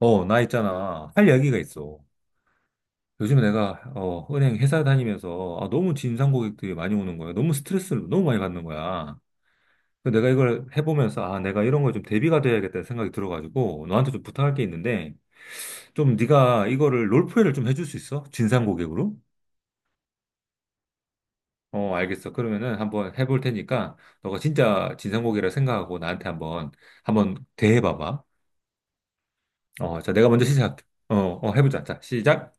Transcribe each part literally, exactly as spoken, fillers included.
어, 나 있잖아. 할 이야기가 있어. 요즘 내가, 어, 은행 회사 다니면서, 아, 너무 진상 고객들이 많이 오는 거야. 너무 스트레스를 너무 많이 받는 거야. 그래서 내가 이걸 해보면서, 아, 내가 이런 거에 좀 대비가 돼야겠다는 생각이 들어가지고, 너한테 좀 부탁할 게 있는데, 좀 네가 이거를 롤플레이를 좀 해줄 수 있어? 진상 고객으로? 어, 알겠어. 그러면은 한번 해볼 테니까, 너가 진짜 진상 고객이라 생각하고 나한테 한번, 한번 대해봐봐. 어, 자, 내가 먼저 시작. 어, 어, 해보자. 자, 시작.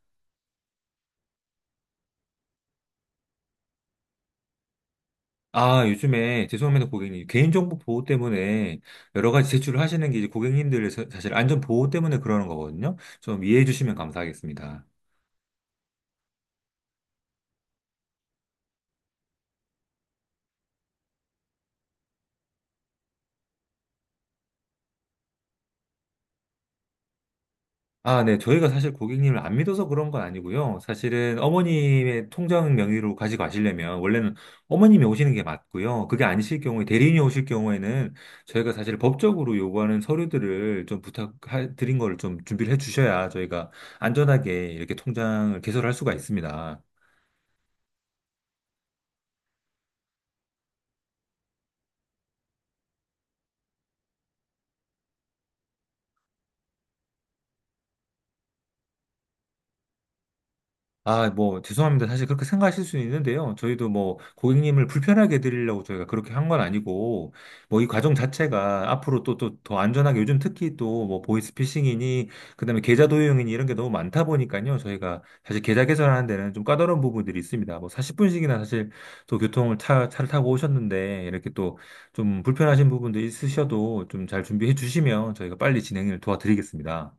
아, 요즘에 죄송합니다, 고객님. 개인정보 보호 때문에 여러 가지 제출을 하시는 게 이제 고객님들 사실 안전 보호 때문에 그러는 거거든요. 좀 이해해 주시면 감사하겠습니다. 아, 네. 저희가 사실 고객님을 안 믿어서 그런 건 아니고요. 사실은 어머님의 통장 명의로 가지고 가시려면 원래는 어머님이 오시는 게 맞고요. 그게 아니실 경우에 대리인이 오실 경우에는 저희가 사실 법적으로 요구하는 서류들을 좀 부탁드린 거를 좀 준비를 해 주셔야 저희가 안전하게 이렇게 통장을 개설할 수가 있습니다. 아, 뭐, 죄송합니다. 사실 그렇게 생각하실 수는 있는데요. 저희도 뭐, 고객님을 불편하게 드리려고 저희가 그렇게 한 건 아니고, 뭐, 이 과정 자체가 앞으로 또, 또, 더 안전하게 요즘 특히 또, 뭐, 보이스피싱이니, 그다음에 계좌 도용이니 이런 게 너무 많다 보니까요. 저희가 사실 계좌 개설하는 데는 좀 까다로운 부분들이 있습니다. 뭐, 사십 분씩이나 사실 또 교통을 차, 차를 타고 오셨는데, 이렇게 또 좀 불편하신 부분도 있으셔도 좀 잘 준비해 주시면 저희가 빨리 진행을 도와드리겠습니다.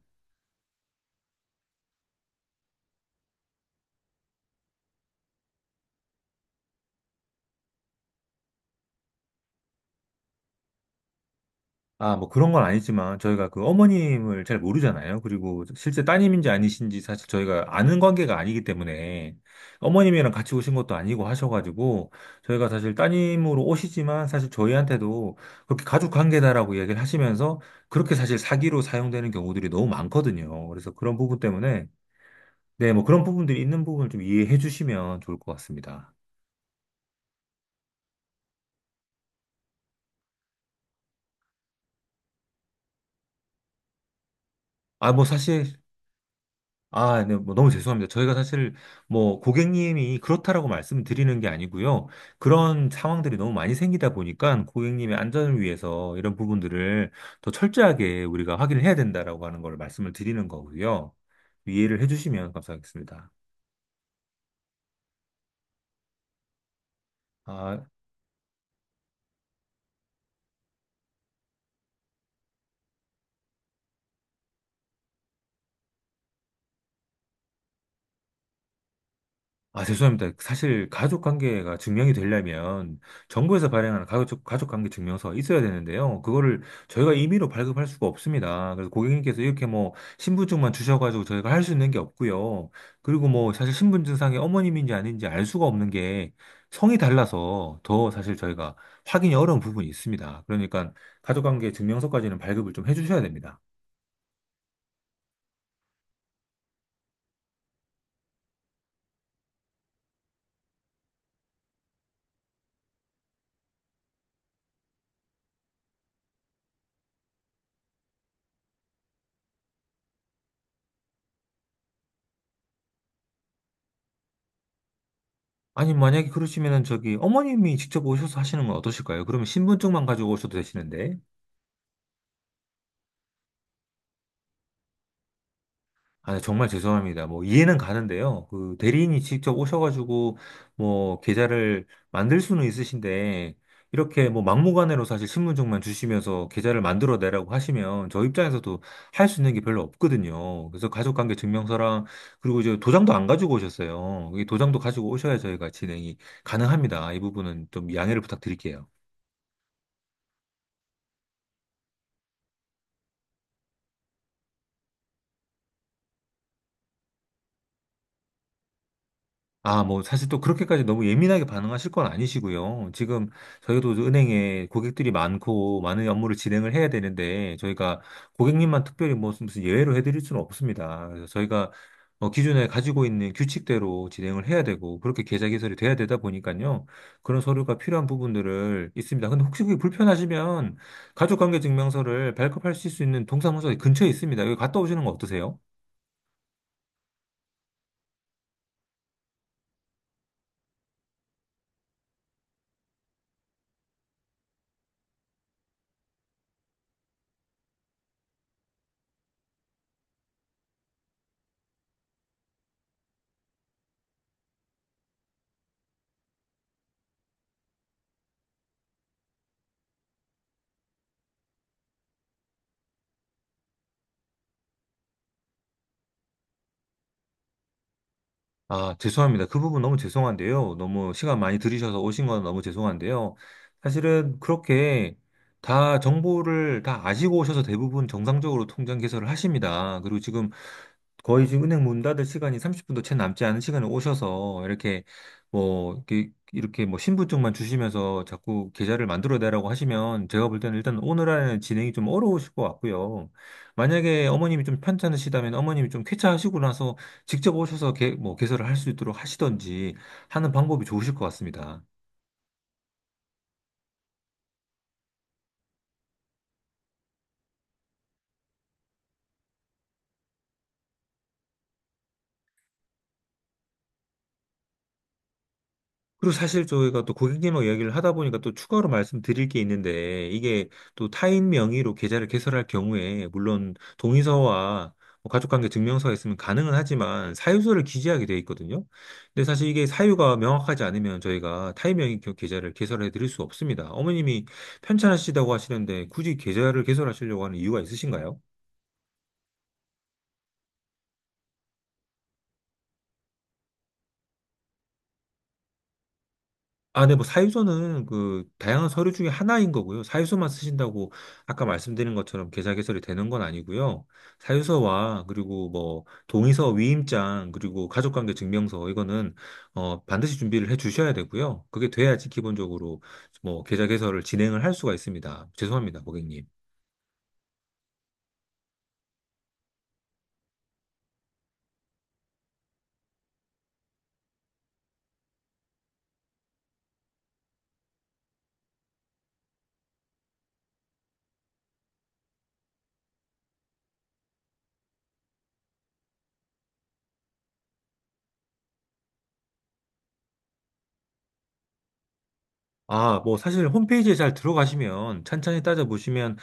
아, 뭐 그런 건 아니지만 저희가 그 어머님을 잘 모르잖아요. 그리고 실제 따님인지 아니신지 사실 저희가 아는 관계가 아니기 때문에 어머님이랑 같이 오신 것도 아니고 하셔가지고 저희가 사실 따님으로 오시지만 사실 저희한테도 그렇게 가족 관계다라고 얘기를 하시면서 그렇게 사실 사기로 사용되는 경우들이 너무 많거든요. 그래서 그런 부분 때문에 네, 뭐 그런 부분들이 있는 부분을 좀 이해해 주시면 좋을 것 같습니다. 아, 뭐 사실 아, 네, 뭐 너무 죄송합니다. 저희가 사실 뭐 고객님이 그렇다라고 말씀드리는 게 아니고요. 그런 상황들이 너무 많이 생기다 보니까 고객님의 안전을 위해서 이런 부분들을 더 철저하게 우리가 확인을 해야 된다라고 하는 걸 말씀을 드리는 거고요. 이해를 해주시면 감사하겠습니다. 아, 아, 죄송합니다. 사실 가족 관계가 증명이 되려면 정부에서 발행하는 가족, 가족 관계 증명서가 있어야 되는데요. 그거를 저희가 임의로 발급할 수가 없습니다. 그래서 고객님께서 이렇게 뭐 신분증만 주셔가지고 저희가 할 수 있는 게 없고요. 그리고 뭐 사실 신분증상에 어머님인지 아닌지 알 수가 없는 게 성이 달라서 더 사실 저희가 확인이 어려운 부분이 있습니다. 그러니까 가족 관계 증명서까지는 발급을 좀 해주셔야 됩니다. 아니, 만약에 그러시면은 저기 어머님이 직접 오셔서 하시는 건 어떠실까요? 그러면 신분증만 가지고 오셔도 되시는데. 아, 네, 정말 죄송합니다. 뭐, 이해는 가는데요. 그, 대리인이 직접 오셔가지고, 뭐, 계좌를 만들 수는 있으신데, 이렇게 뭐, 막무가내로 사실 신분증만 주시면서 계좌를 만들어 내라고 하시면, 저 입장에서도 할 수 있는 게 별로 없거든요. 그래서 가족관계 증명서랑, 그리고 이제 도장도 안 가지고 오셨어요. 이 도장도 가지고 오셔야 저희가 진행이 가능합니다. 이 부분은 좀 양해를 부탁드릴게요. 아, 뭐, 사실 또 그렇게까지 너무 예민하게 반응하실 건 아니시고요. 지금 저희도 은행에 고객들이 많고 많은 업무를 진행을 해야 되는데 저희가 고객님만 특별히 뭐 무슨 예외로 해드릴 수는 없습니다. 그래서 저희가 어, 기존에 가지고 있는 규칙대로 진행을 해야 되고 그렇게 계좌 개설이 돼야 되다 보니까요. 그런 서류가 필요한 부분들을 있습니다. 근데 혹시 그게 불편하시면 가족관계증명서를 발급하실 수 있는 동사무소 근처에 있습니다. 여기 갔다 오시는 거 어떠세요? 아, 죄송합니다. 그 부분 너무 죄송한데요. 너무 시간 많이 들이셔서 오신 건 너무 죄송한데요. 사실은 그렇게 다 정보를 다 아시고 오셔서 대부분 정상적으로 통장 개설을 하십니다. 그리고 지금 거의 지금 은행 문 닫을 시간이 삼십 분도 채 남지 않은 시간에 오셔서 이렇게 뭐 이렇게 이렇게 뭐 신분증만 주시면서 자꾸 계좌를 만들어내라고 하시면 제가 볼 때는 일단 오늘 안에 진행이 좀 어려우실 것 같고요. 만약에 어머님이 좀 편찮으시다면 어머님이 좀 쾌차하시고 나서 직접 오셔서 개, 뭐 개설을 할 수 있도록 하시던지 하는 방법이 좋으실 것 같습니다. 그리고 사실 저희가 또 고객님하고 이야기를 하다 보니까 또 추가로 말씀드릴 게 있는데 이게 또 타인 명의로 계좌를 개설할 경우에 물론 동의서와 뭐 가족관계 증명서가 있으면 가능은 하지만 사유서를 기재하게 돼 있거든요. 근데 사실 이게 사유가 명확하지 않으면 저희가 타인 명의 겨- 계좌를 개설해 드릴 수 없습니다. 어머님이 편찮으시다고 하시는데 굳이 계좌를 개설하시려고 하는 이유가 있으신가요? 아, 네, 뭐 사유서는 그 다양한 서류 중에 하나인 거고요. 사유서만 쓰신다고 아까 말씀드린 것처럼 계좌 개설이 되는 건 아니고요. 사유서와 그리고 뭐 동의서, 위임장, 그리고 가족관계 증명서 이거는 어 반드시 준비를 해 주셔야 되고요. 그게 돼야지 기본적으로 뭐 계좌 개설을 진행을 할 수가 있습니다. 죄송합니다, 고객님. 아, 뭐 사실 홈페이지에 잘 들어가시면 찬찬히 따져보시면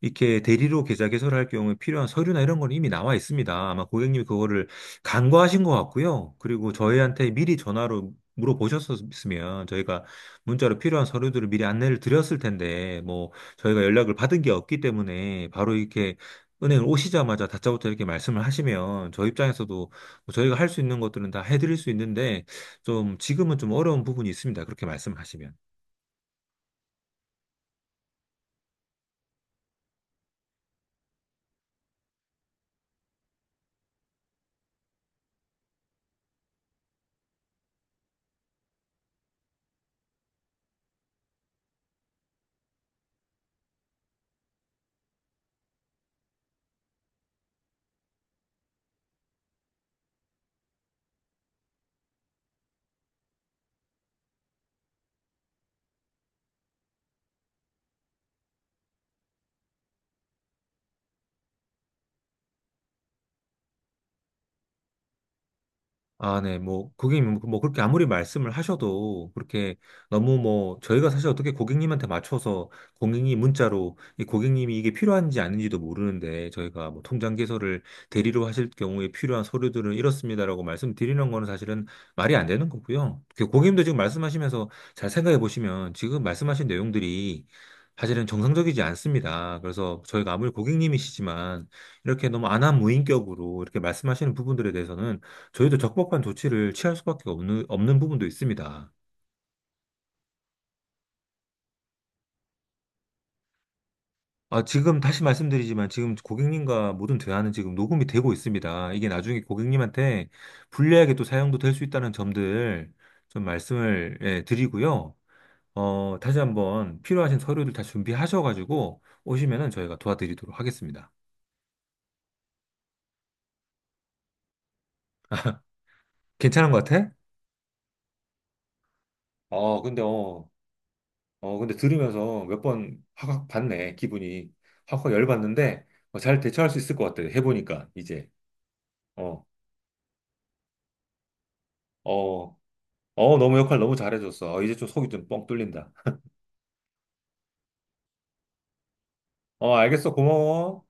이렇게 대리로 계좌 개설할 경우에 필요한 서류나 이런 건 이미 나와 있습니다. 아마 고객님 이 그거를 간과하신 것 같고요. 그리고 저희한테 미리 전화로 물어보셨으면 저희가 문자로 필요한 서류들을 미리 안내를 드렸을 텐데 뭐 저희가 연락을 받은 게 없기 때문에 바로 이렇게 은행을 오시자마자 다짜고짜 이렇게 말씀을 하시면 저희 입장에서도 뭐 저희가 할 수 있는 것들은 다 해드릴 수 있는데 좀 지금은 좀 어려운 부분이 있습니다. 그렇게 말씀하시면. 아, 네, 뭐, 고객님, 뭐, 그렇게 아무리 말씀을 하셔도, 그렇게 너무 뭐, 저희가 사실 어떻게 고객님한테 맞춰서, 고객님 문자로, 이 고객님이 이게 필요한지 아닌지도 모르는데, 저희가 뭐, 통장 개설을 대리로 하실 경우에 필요한 서류들은 이렇습니다라고 말씀드리는 거는 사실은 말이 안 되는 거고요. 그 고객님도 지금 말씀하시면서 잘 생각해 보시면, 지금 말씀하신 내용들이 사실은 정상적이지 않습니다. 그래서 저희가 아무리 고객님이시지만, 이렇게 너무 안한 무인격으로 이렇게 말씀하시는 부분들에 대해서는 저희도 적법한 조치를 취할 수밖에 없는, 없는 부분도 있습니다. 아, 지금 다시 말씀드리지만 지금 고객님과 모든 대화는 지금 녹음이 되고 있습니다. 이게 나중에 고객님한테 불리하게 또 사용도 될 수 있다는 점들 좀 말씀을 예, 드리고요. 어, 다시 한번 필요하신 서류들 다 준비하셔가지고 오시면은 저희가 도와드리도록 하겠습니다. 괜찮은 것 같아? 어, 근데 어, 어, 근데 들으면서 몇 번 확확 봤네, 기분이. 확확 열받는데 어, 잘 대처할 수 있을 것 같아, 해보니까, 이제. 어. 어, 어, 너무 역할 너무 잘해줬어. 어, 이제 좀 속이 좀 뻥 뚫린다. 어, 알겠어. 고마워.